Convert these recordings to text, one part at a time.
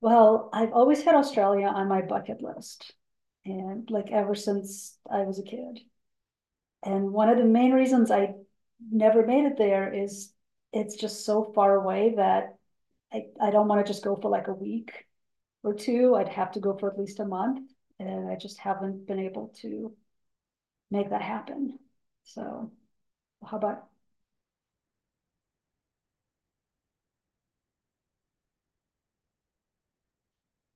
Well, I've always had Australia on my bucket list, and like ever since I was a kid. And one of the main reasons I never made it there is it's just so far away that I don't want to just go for like a week or two. I'd have to go for at least a month, and I just haven't been able to make that happen. So, how about—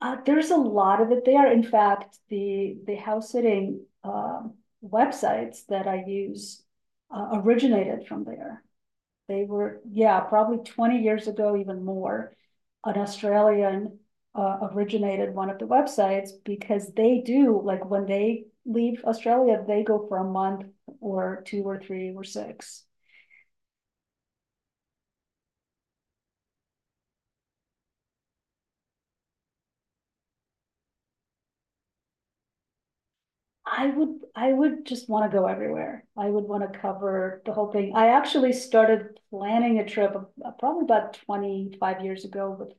There's a lot of it there. In fact, the house sitting websites that I use originated from there. They were, yeah, probably 20 years ago, even more. An Australian originated one of the websites because they do, like when they leave Australia, they go for a month or two or three or six. I would just wanna go everywhere. I would wanna cover the whole thing. I actually started planning a trip probably about 25 years ago with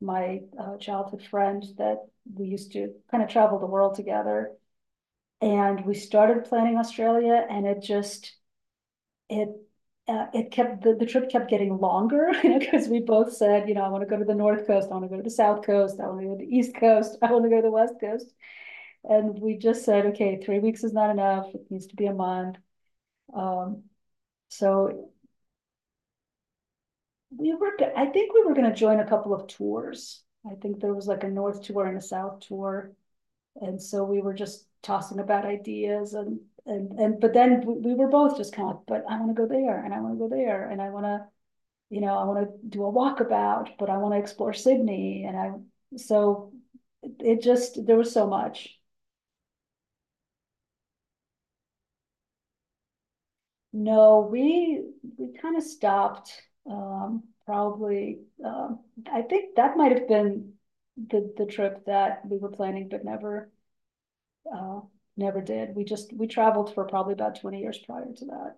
my childhood friend that we used to kind of travel the world together. And we started planning Australia, and it just, it, it kept, the trip kept getting longer, you know, because we both said, I wanna go to the North Coast, I wanna go to the South Coast, I wanna go to the East Coast, I wanna go to the West Coast. And we just said, okay, 3 weeks is not enough, it needs to be a month. Um, so I think we were gonna join a couple of tours. I think there was like a north tour and a south tour. And so we were just tossing about ideas, but then we were both just kind of, but I wanna go there and I wanna go there and I wanna do a walkabout, but I wanna explore Sydney and I, so it just, there was so much. No, we kind of stopped. Probably. I think that might have been the trip that we were planning, but uh never did. We traveled for probably about 20 years prior to that.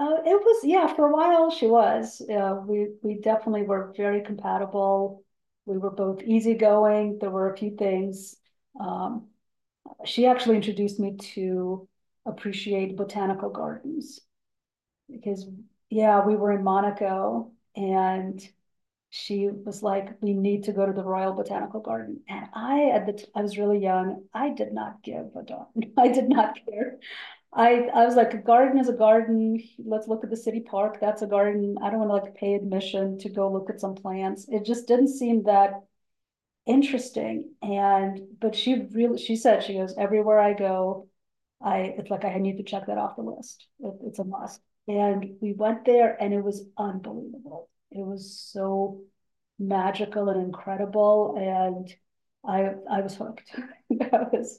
It was, yeah. For a while, she was. We definitely were very compatible. We were both easygoing. There were a few things. Um, she actually introduced me to appreciate botanical gardens because, yeah, we were in Monaco and she was like, we need to go to the Royal Botanical Garden. And I, at the t- I was really young. I did not give a darn. I did not care. I was like, a garden is a garden. Let's look at the city park. That's a garden. I don't want to like pay admission to go look at some plants. It just didn't seem that interesting. And but she really, she said she goes everywhere I go. I It's like, I need to check that off the list. It's a must. And we went there and it was unbelievable, it was so magical and incredible. And I was hooked. I was.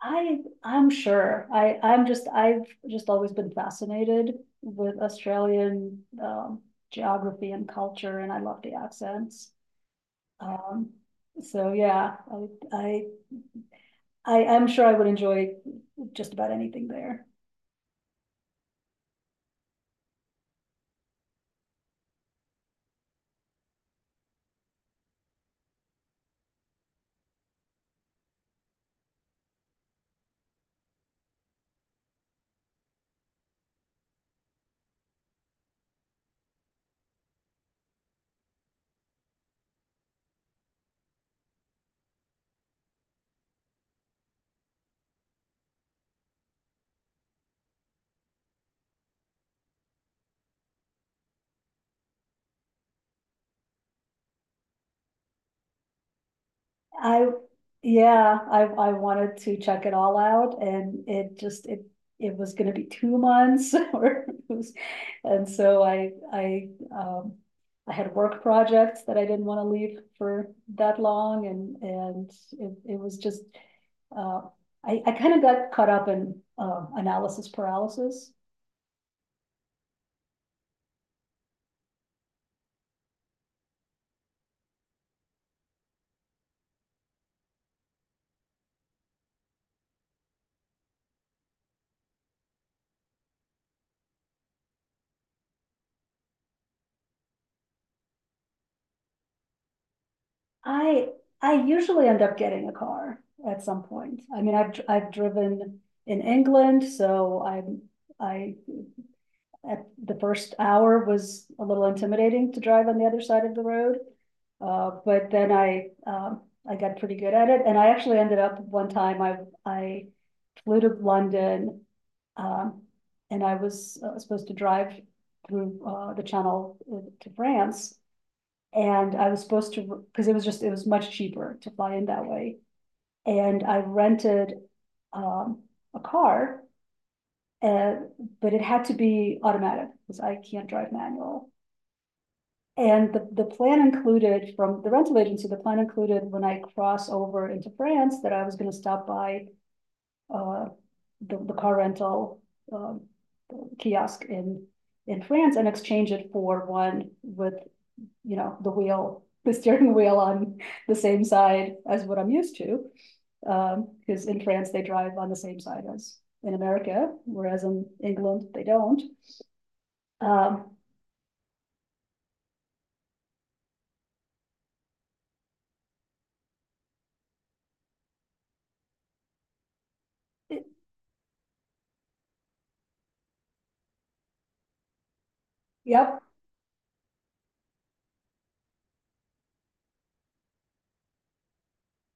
I I'm sure, I've just always been fascinated with Australian geography and culture, and I love the accents. Um, so, yeah, I'm sure I would enjoy just about anything there. I, yeah, I wanted to check it all out, and it just, it was gonna be 2 months, or and so um, I had work projects that I didn't want to leave for that long. And it was just, uh, I kind of got caught up in, analysis paralysis. I I usually end up getting a car at some point. I mean, I've driven in England, so I'm I at the first hour was a little intimidating to drive on the other side of the road, but then I got pretty good at it, and I actually ended up one time I flew to London, um, and I was supposed to drive through the Channel to France, and I was supposed to, because it was much cheaper to fly in that way. And I rented um, a car, uh, but it had to be automatic because I can't drive manual. And the plan included from the rental agency, the plan included when I cross over into France, that I was going to stop by uh, the car rental um, kiosk in France and exchange it for one with, the wheel, the steering wheel on the same side as what I'm used to. Because in France, they drive on the same side as in America, whereas in England, they don't. Um, it- yep.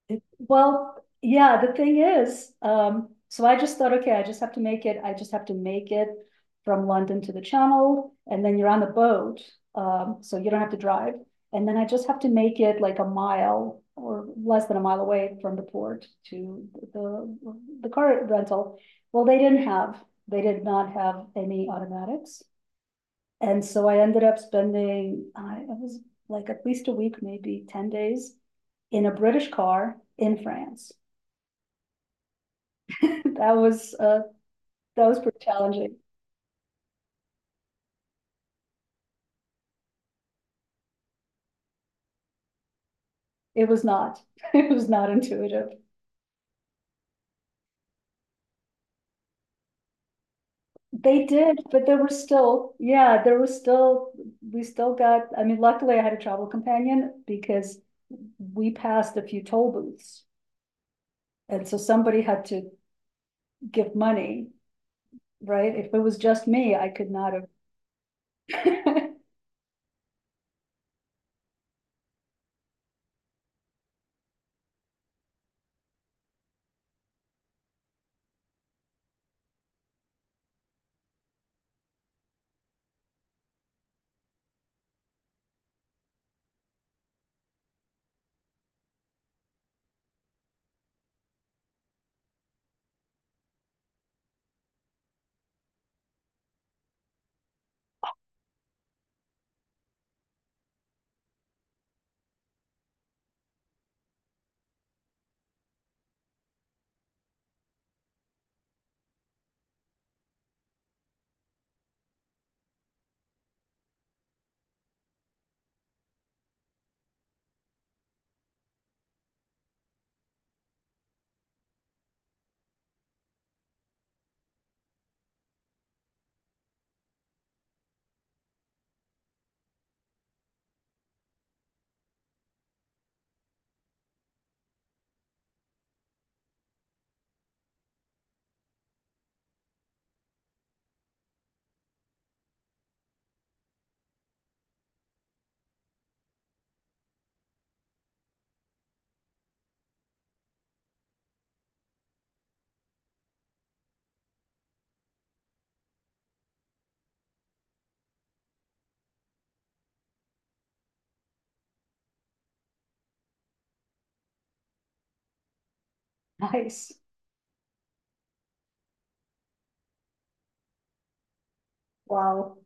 Well, yeah, the thing is, so I just thought, okay, I just have to make it, I just have to make it from London to the channel, and then you're on the boat, so you don't have to drive. And then I just have to make it like a mile or less than a mile away from the port to the car rental. Well, they did not have any automatics. And so I ended up spending, I was like at least a week, maybe 10 days in a British car in France. that was uh, that was pretty challenging. It was not. It was not intuitive. They did, but there were still, yeah, there was still, we still got— I mean, luckily I had a travel companion because we passed a few toll booths. And so somebody had to give money, right? If it was just me, I could not have. Nice. Wow.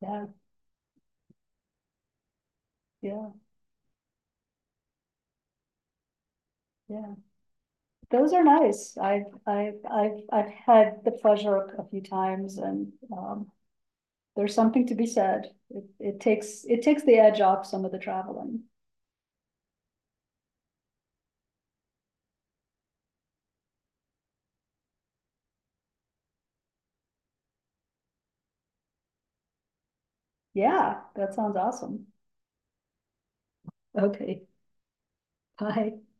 Yeah, yeah, yeah. Those are nice. I've had the pleasure a few times, and, there's something to be said. It it takes the edge off some of the traveling. Yeah, that sounds awesome. Okay. Bye.